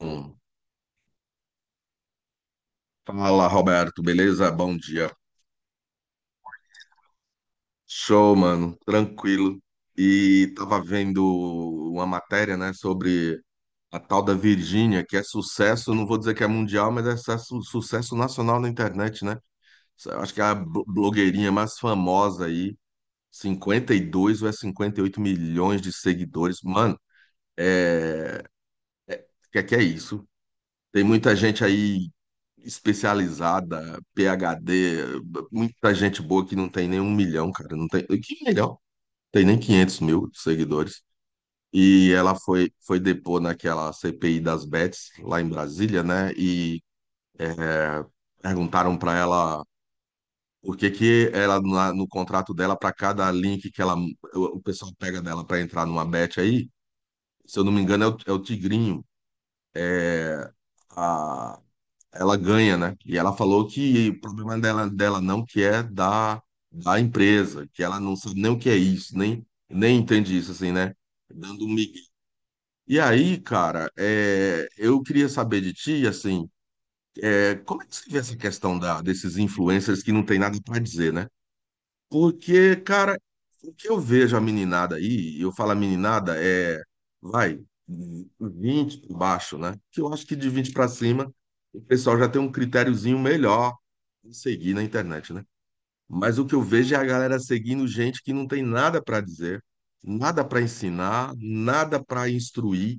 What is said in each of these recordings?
Hum. Fala, Roberto, beleza? Bom dia. Show, mano, tranquilo. E tava vendo uma matéria, né, sobre a tal da Virgínia, que é sucesso, não vou dizer que é mundial, mas é sucesso, sucesso nacional na internet, né? Eu acho que é a blogueirinha mais famosa aí, 52 ou é 58 milhões de seguidores. Mano, é, o que é isso? Tem muita gente aí especializada, PhD, muita gente boa que não tem nem um milhão, cara, não tem, que milhão? Tem nem 500 mil seguidores. E ela foi depor naquela CPI das Bets, lá em Brasília, né? E é, perguntaram para ela por que que ela, no contrato dela, para cada link que ela, o pessoal pega dela para entrar numa bet aí, se eu não me engano, é o Tigrinho, a, ela ganha, né? E ela falou que o problema dela, dela não que é da empresa, que ela não sabe nem o que é isso, nem entende isso, assim, né? Dando um migué. E aí, cara, eu queria saber de ti, assim, como é que você vê essa questão desses influencers que não tem nada para dizer, né? Porque, cara, o que eu vejo a meninada aí, e eu falo a meninada, vai, 20 por baixo, né? Que eu acho que de 20 para cima, o pessoal já tem um critériozinho melhor de seguir na internet, né? Mas o que eu vejo é a galera seguindo gente que não tem nada para dizer, nada para ensinar, nada para instruir,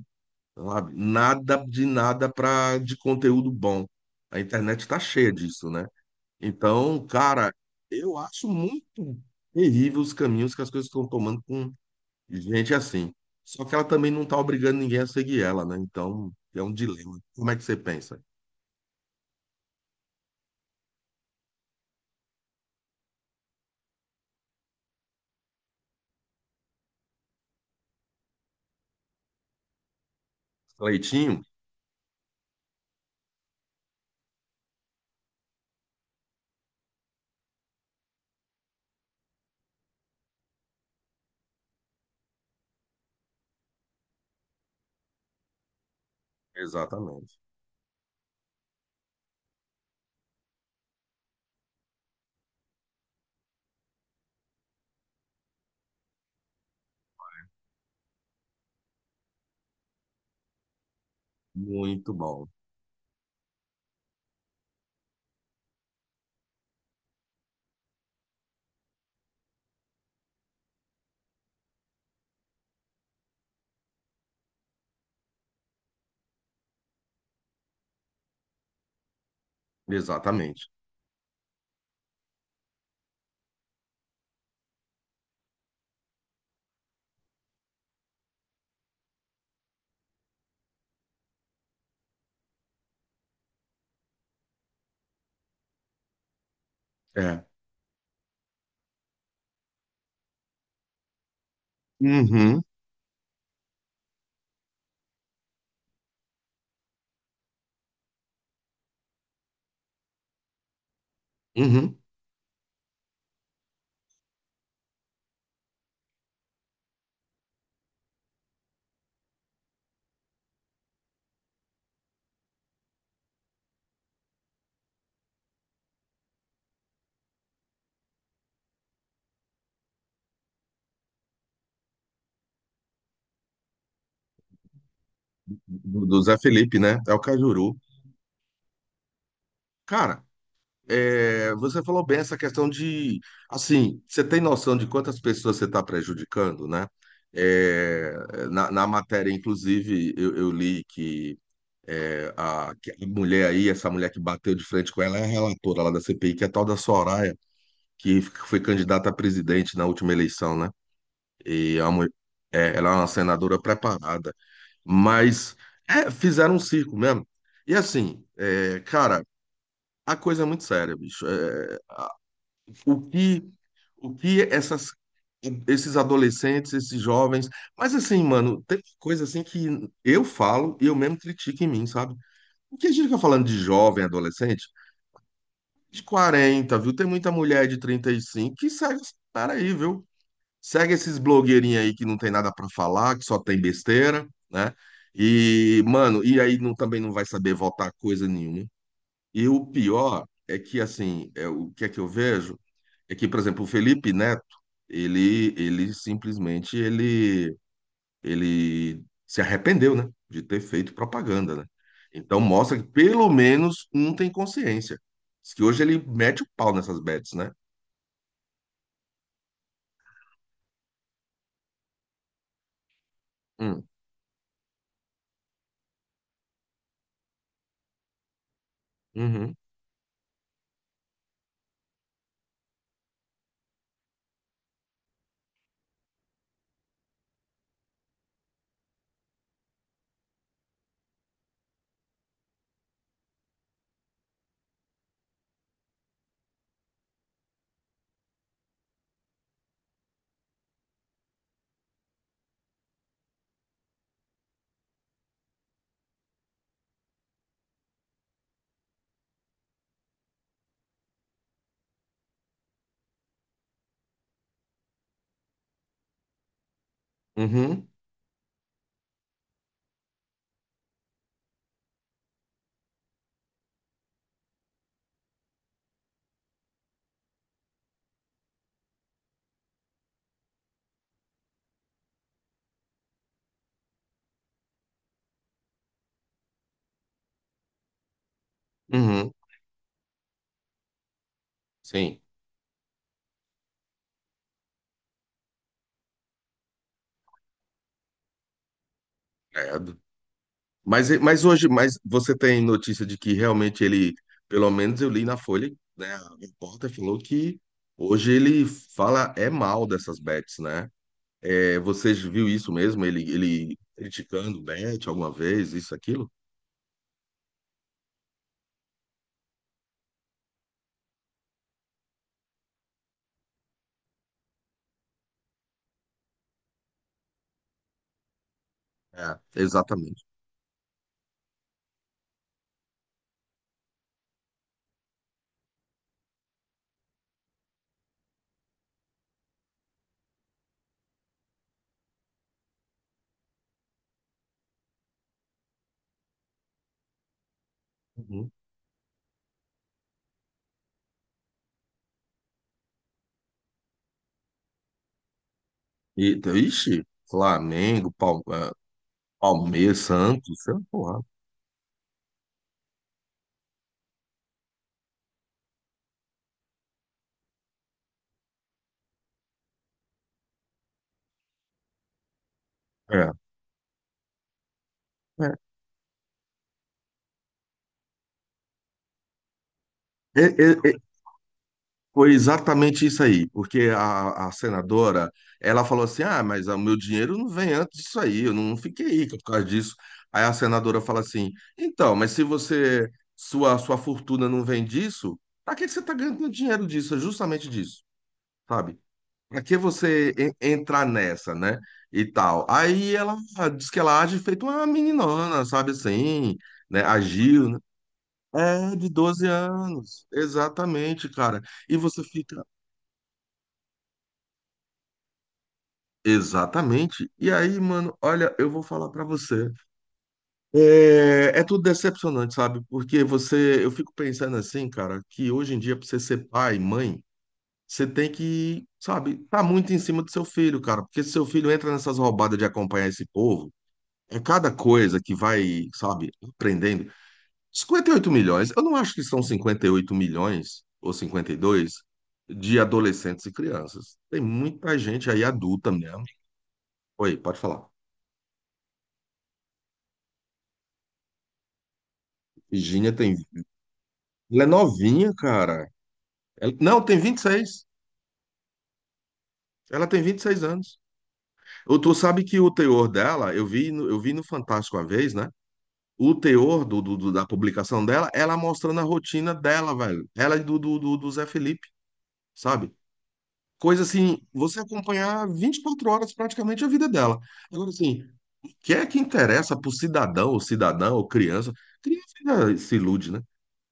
sabe? Nada de nada para de conteúdo bom. A internet está cheia disso, né? Então, cara, eu acho muito terrível os caminhos que as coisas estão tomando com gente assim. Só que ela também não está obrigando ninguém a seguir ela, né? Então, é um dilema. Como é que você pensa? Leitinho? Exatamente. Muito bom. Exatamente. É. Uhum, uhum. Do Zé Felipe, né? É o Cajuru. Cara, é, você falou bem essa questão de, assim, você tem noção de quantas pessoas você está prejudicando, né? É, na matéria, inclusive, eu li que, que a mulher aí, essa mulher que bateu de frente com ela, é a relatora lá da CPI, que é a tal da Soraya, que foi candidata a presidente na última eleição, né? E é uma mulher- é, ela é uma senadora preparada, mas é, fizeram um circo mesmo. E assim, é, cara, a coisa é muito séria, bicho. É, o que o que esses adolescentes, esses jovens. Mas assim, mano, tem coisa assim que eu falo e eu mesmo critico em mim, sabe? O que a gente fica falando de jovem, adolescente, de 40 viu? Tem muita mulher de 35 que segue esse cara aí, viu? Segue esses blogueirinhos aí que não tem nada pra falar, que só tem besteira, né? E, mano, e aí não, também não vai saber votar coisa nenhuma. E o pior é que, assim, é, o que é que eu vejo? É que, por exemplo, o Felipe Neto, ele simplesmente ele se arrependeu, né, de ter feito propaganda, né? Então mostra que pelo menos um tem consciência. Diz que hoje ele mete o pau nessas bets, né? Hum, uhum, uhum, uhum, sim. É. Mas hoje, mas você tem notícia de que realmente ele, pelo menos eu li na Folha, né, a repórter falou que hoje ele fala é mal dessas bets, né? É, vocês viu isso mesmo? Ele criticando o Bet alguma vez, isso, aquilo? É, exatamente. Uhum. E, então, ixi, Flamengo, Palmeiras, Santos, sei lá. É, é. É, é, é, foi exatamente isso aí, porque a senadora, ela falou assim, ah, mas o meu dinheiro não vem antes disso aí, eu não fiquei rica por causa disso. Aí a senadora fala assim, então, mas se você, sua fortuna não vem disso, pra que que você tá ganhando dinheiro disso? É justamente disso, sabe? Pra que você entrar nessa, né? E tal. Aí ela diz que ela age feito uma meninona, sabe assim, né? Agiu, né? É, de 12 anos. Exatamente, cara. E você fica. Exatamente. E aí, mano, olha, eu vou falar pra você. É, é tudo decepcionante, sabe? Porque você. Eu fico pensando assim, cara, que hoje em dia, pra você ser pai, mãe, você tem que, sabe, tá muito em cima do seu filho, cara. Porque se seu filho entra nessas roubadas de acompanhar esse povo, é cada coisa que vai, sabe, aprendendo. 58 milhões, eu não acho que são 58 milhões ou 52 de adolescentes e crianças. Tem muita gente aí adulta mesmo. Oi, pode falar. Virginia tem. Ela é novinha, cara. Não, tem 26. Ela tem 26 anos. Ou tu sabe que o teor dela, eu vi no Fantástico uma vez, né? O teor da publicação dela, ela mostrando a rotina dela, velho. Ela e do Zé Felipe, sabe? Coisa assim, você acompanhar 24 horas praticamente a vida dela. Agora, assim, o que é que interessa pro cidadão, ou cidadã, ou criança? Criança ainda se ilude, né?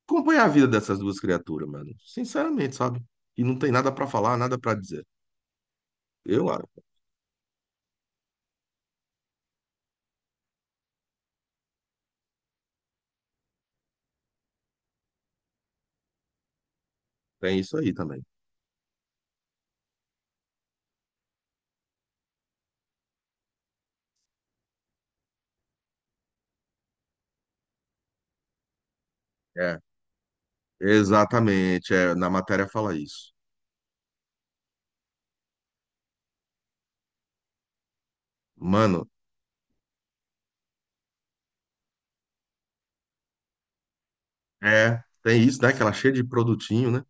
Acompanhar a vida dessas duas criaturas, mano. Sinceramente, sabe? E não tem nada pra falar, nada pra dizer. Eu, ah, tem isso aí também. É, exatamente. É, na matéria fala isso. Mano, é, tem isso, né? Que ela é cheia de produtinho, né?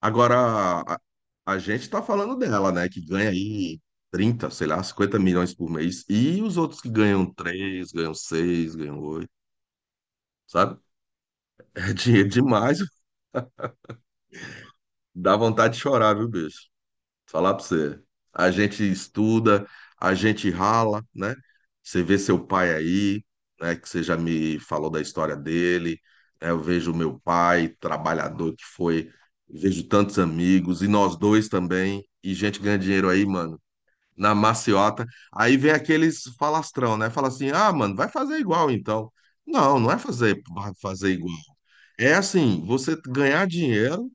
Agora, a, a gente tá falando dela, né? Que ganha aí 30 sei lá, 50 milhões por mês. E os outros que ganham 3 ganham 6 ganham 8 sabe? É dinheiro demais. Dá vontade de chorar, viu, bicho? Falar pra você. A gente estuda, a gente rala, né? Você vê seu pai aí, né? Que você já me falou da história dele, né? Eu vejo meu pai, trabalhador que foi. Vejo tantos amigos, e nós dois também. E gente ganha dinheiro aí, mano, na maciota. Aí vem aqueles falastrão, né? Fala assim: ah, mano, vai fazer igual então. Não, fazer igual. É assim, você ganhar dinheiro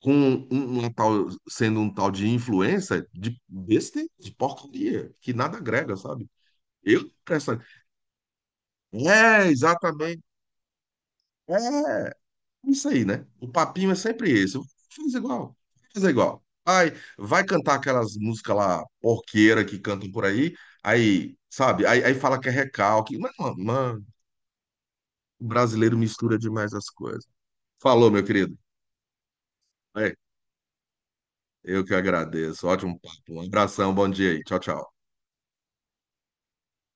com uma tal, sendo um tal de influencer de besta, de porcaria, que nada agrega, sabe? Eu, essa, exatamente. É. Isso aí, né? O papinho é sempre esse. Faz igual, faz igual. Vai, vai cantar aquelas músicas lá, porqueira que cantam por aí, aí, sabe? Aí fala que é recalque. Mas, mano, o brasileiro mistura demais as coisas. Falou, meu querido. É, eu que agradeço. Ótimo papo. Um abração, bom dia aí. Tchau, tchau.